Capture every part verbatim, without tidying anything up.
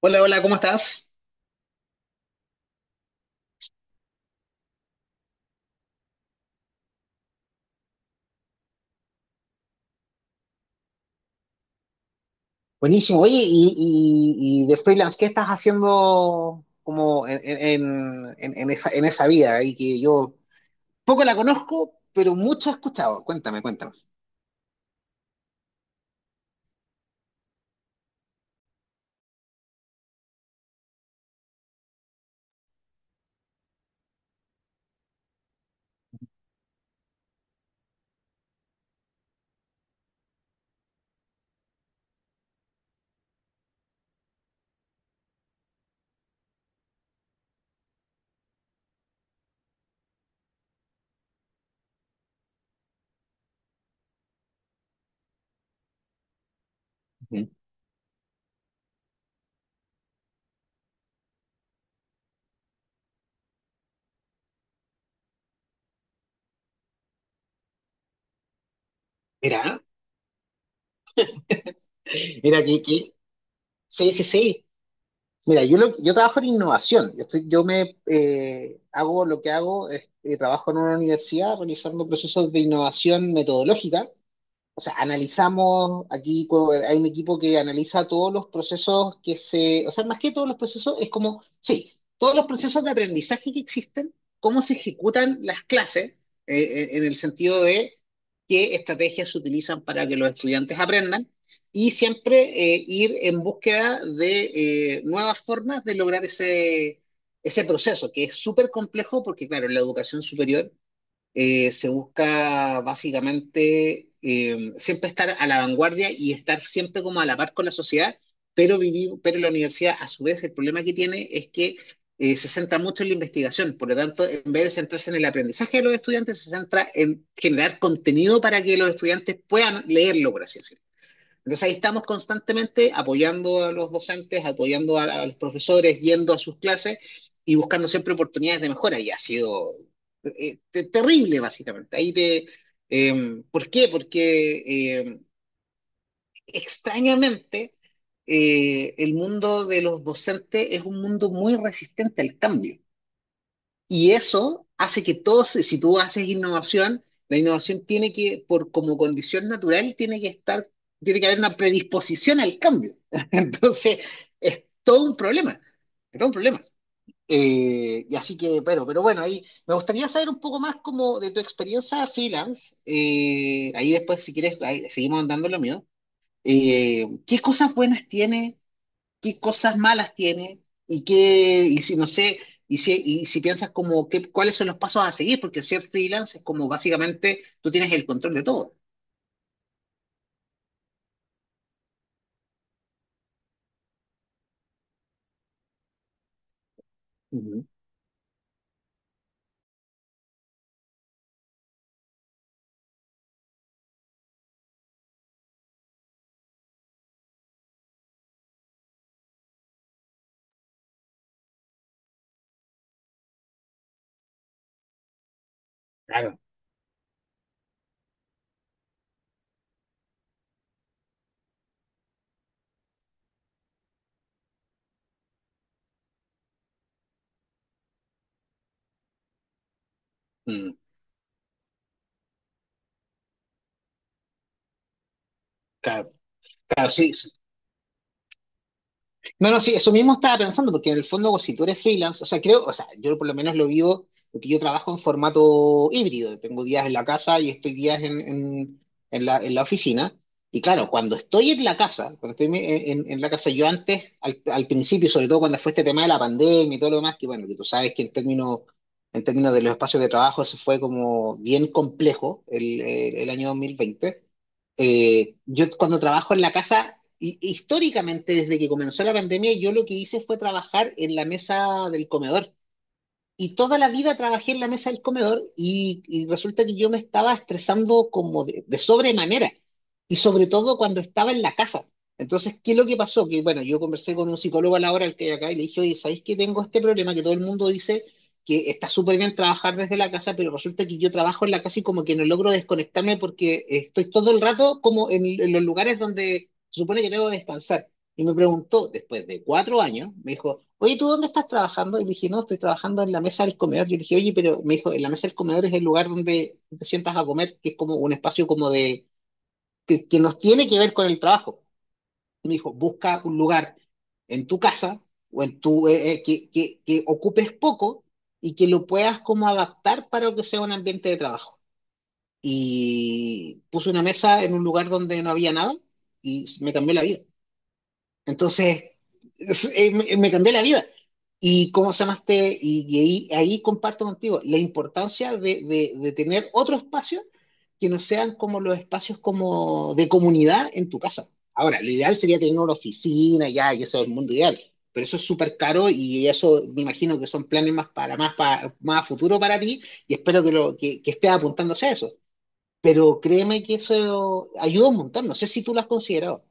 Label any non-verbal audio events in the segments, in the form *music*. Hola, hola, ¿cómo estás? Buenísimo. Oye, y, y, y de freelance, ¿qué estás haciendo como en, en, en- en esa, en esa vida? Y que yo poco la conozco, pero mucho he escuchado. Cuéntame, cuéntame. Ujú. Mira, mira, que, que sí, sí, sí. Mira, yo, lo- yo trabajo en innovación. Yo, estoy, yo me eh, Hago lo que hago, es, eh, trabajo en una universidad realizando procesos de innovación metodológica. O sea, analizamos aquí, cu- hay un equipo que analiza todos los procesos que se, o sea, más que todos los procesos, es como, sí, todos los procesos de aprendizaje que existen, cómo se ejecutan las clases, eh, eh, en el sentido de qué estrategias se utilizan para que los estudiantes aprendan, y siempre eh, ir en búsqueda de eh, nuevas formas de lograr ese, ese proceso, que es súper complejo porque, claro, en la educación superior eh, se busca básicamente eh, siempre estar a la vanguardia y estar siempre como a la par con la sociedad, pero vivir, pero la universidad a su vez el problema que tiene es que eh, se centra mucho en la investigación. Por lo tanto, en vez de centrarse en el aprendizaje de los estudiantes, se centra en generar contenido para que los estudiantes puedan leerlo, por así decirlo. Entonces ahí estamos constantemente apoyando a los docentes, apoyando a, a los profesores, yendo a sus clases y buscando siempre oportunidades de mejora. Y ha sido eh, te- terrible, básicamente. Ahí te, eh, ¿por qué? Porque eh, extrañamente eh, el mundo de los docentes es un mundo muy resistente al cambio. Y eso hace que todos, si tú haces innovación, la innovación tiene que, por como condición natural, tiene que estar, tiene que haber una predisposición al cambio. *laughs* Entonces, es todo un problema, es todo un problema. Eh, y así que, pero, pero bueno, ahí me gustaría saber un poco más como de tu experiencia freelance. Eh, ahí después, si quieres, ahí seguimos andando lo mío. Eh, ¿qué cosas buenas tiene? ¿Qué cosas malas tiene y qué, y si no sé, y si, y si piensas como qué, cuáles son los pasos a seguir, porque ser freelance es como básicamente tú tienes el control de todo. Ujú. Claro. Mm, claro, claro, sí, sí. No, no, sí, eso mismo estaba pensando, porque en el fondo, pues, si tú eres freelance, o sea, creo, o sea, yo por lo menos lo vivo, porque yo trabajo en formato híbrido, tengo días en la casa y estoy días en, en, en la, en la oficina. Y claro, cuando estoy en la casa, cuando estoy en, en- en la casa, yo antes, al, al principio, sobre todo cuando fue este tema de la pandemia y todo lo demás, que bueno, que tú sabes que en términos, en términos de los espacios de trabajo, eso fue como bien complejo el, el el año dos mil veinte. Eh, yo cuando trabajo en la casa, hi- históricamente desde que comenzó la pandemia, yo lo que hice fue trabajar en la mesa del comedor. Y toda la vida trabajé en la mesa del comedor y, y resulta que yo me estaba estresando como de, de sobremanera y sobre todo cuando estaba en la casa. Entonces, ¿qué es lo que pasó? Que bueno, yo conversé con un psicólogo a la hora al que hay acá y le dije, oye, ¿sabéis que tengo este problema que todo el mundo dice que está súper bien trabajar desde la casa, pero resulta que yo trabajo en la casa y como que no logro desconectarme porque estoy todo el rato como en, en los lugares donde se supone que debo descansar? Y me preguntó, después de cuatro años, me dijo, oye, ¿tú dónde estás trabajando? Y le dije, no, estoy trabajando en la mesa del comedor. Yo le dije, oye, pero me dijo, en la mesa del comedor es el lugar donde te sientas a comer, que es como un espacio como de, que, que nos tiene que ver con el trabajo. Y me dijo, busca un lugar en tu casa o en tu, eh, eh, que, que, que ocupes poco y que lo puedas como adaptar para que sea un ambiente de trabajo. Y puse una mesa en un lugar donde no había nada y me cambió la vida. Entonces, es- eh, me, me cambió la vida. Y cómo se llamaste, y, y ahí, ahí comparto contigo la importancia de, de- de tener otro espacio que no sean como los espacios como de comunidad en tu casa. Ahora, lo ideal sería tener una oficina ya, y eso es el mundo ideal, pero eso es súper caro y eso me imagino que son planes más para más, para, más a futuro para ti y espero que, lo, que, que estés apuntándose a eso. Pero créeme que eso ayuda un montón, no sé si tú lo has considerado.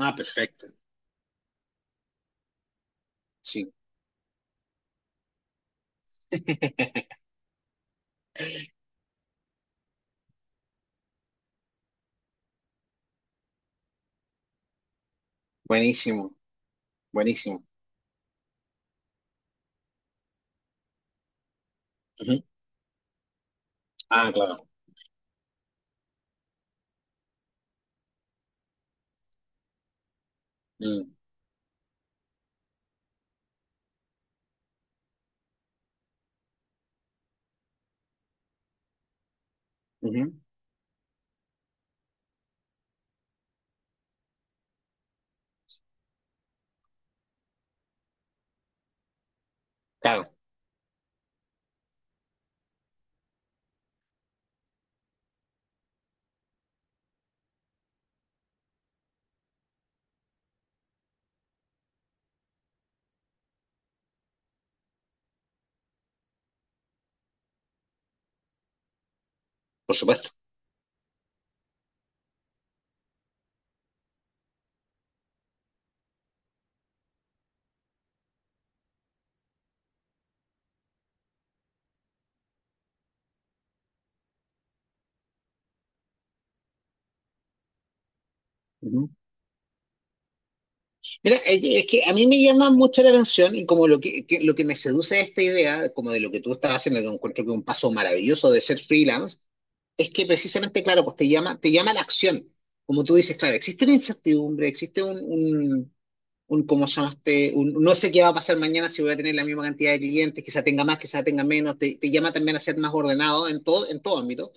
Ah, perfecto. Sí. *laughs* Buenísimo, buenísimo. Ujú. Ah, claro. Mm, ujú. Claro, por supuesto. Ujú. Mira, es que es que a mí me llama mucho la atención y como lo que, que- lo que me seduce de esta idea, como de lo que tú estás haciendo, que encuentro que es un paso maravilloso de ser freelance, es que precisamente, claro, pues te llama, te llama la acción. Como tú dices, claro, existe una incertidumbre, existe un, un, un ¿cómo se llama este? Un, no sé qué va a pasar mañana, si voy a tener la misma cantidad de clientes, quizá tenga más, quizá tenga menos, te, te llama también a ser más ordenado en todo, en todo ámbito.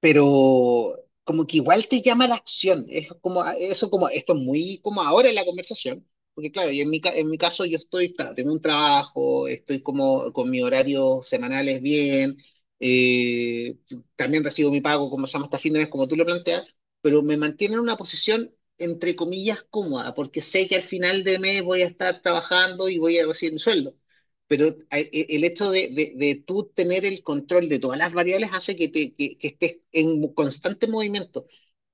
Pero como que igual te llama la acción. Es como, ah, eso como, esto es muy como ahora en la conversación, porque claro, yo en mi, ca- en mi caso yo estoy, claro, tengo un trabajo, estoy como con mi horario semanales bien, eh, también recibo mi pago, como se llama, hasta fin de mes, como tú lo planteas, pero me mantiene en una posición, entre comillas, cómoda, porque sé que al final de mes voy a estar trabajando y voy a recibir mi sueldo. Pero el hecho de, de, de, tú tener el control de todas las variables hace que, te, que, que estés en constante movimiento.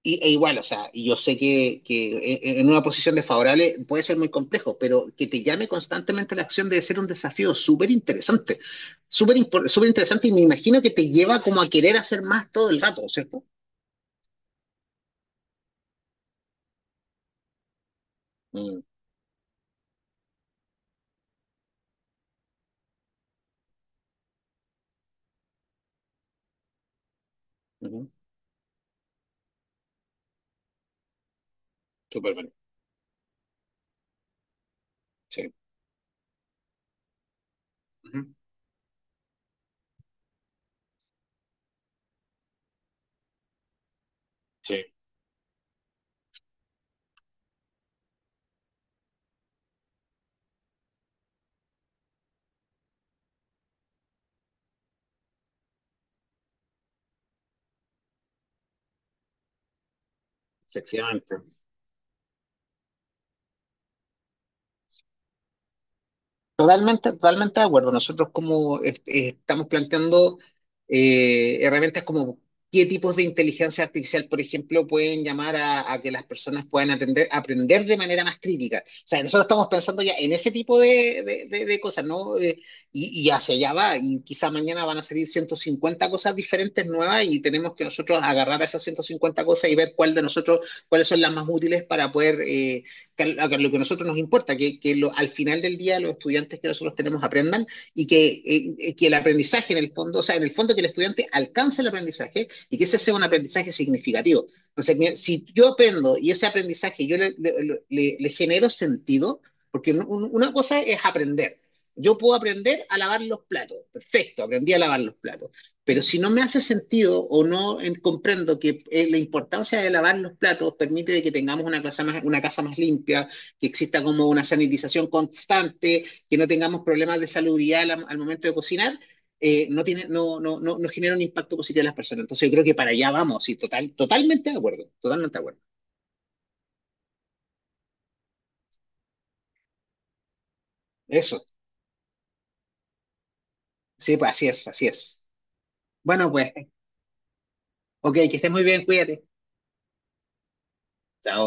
Y, e igual, o sea, y yo sé que, que, e, e, en una posición desfavorable puede ser muy complejo, pero que te llame constantemente la acción debe ser un desafío súper interesante, súper impo- súper interesante y me imagino que te lleva como a querer hacer más todo el rato, ¿cierto? Ujú. Sí, ujú. Sí, efectivamente. Totalmente, totalmente de acuerdo. Nosotros como es- eh, estamos planteando eh, herramientas como qué tipos de inteligencia artificial, por ejemplo, pueden llamar a, a que las personas puedan atender- aprender de manera más crítica. O sea, nosotros estamos pensando ya en ese tipo de, de- de- de cosas, ¿no? Eh, y, y hacia allá va. Y quizá mañana van a salir ciento cincuenta cosas diferentes nuevas y tenemos que nosotros agarrar esas ciento cincuenta cosas y ver cuál de nosotros, cuáles son las más útiles para poder, eh, que lo que a nosotros nos importa, que, que lo, al final del día los estudiantes que nosotros tenemos aprendan y que, eh, que el aprendizaje en el fondo, o sea, en el fondo que el estudiante alcance el aprendizaje y que ese sea un aprendizaje significativo. Entonces, si yo aprendo y ese aprendizaje yo le, le, le, le genero sentido, porque una cosa es aprender. Yo puedo aprender a lavar los platos. Perfecto, aprendí a lavar los platos. Pero si no me hace sentido o no en- comprendo que eh, la importancia de lavar los platos permite de que tengamos una casa más, una casa más, limpia, que exista como una sanitización constante, que no tengamos problemas de salubridad al, al momento de cocinar, eh, no tiene, no, no, no, no genera un impacto positivo en las personas. Entonces yo creo que para allá vamos, y total, totalmente de acuerdo, totalmente de acuerdo. Eso, sí, pues así es, así es. Bueno, pues, ok, que estés muy bien, cuídate. Chao.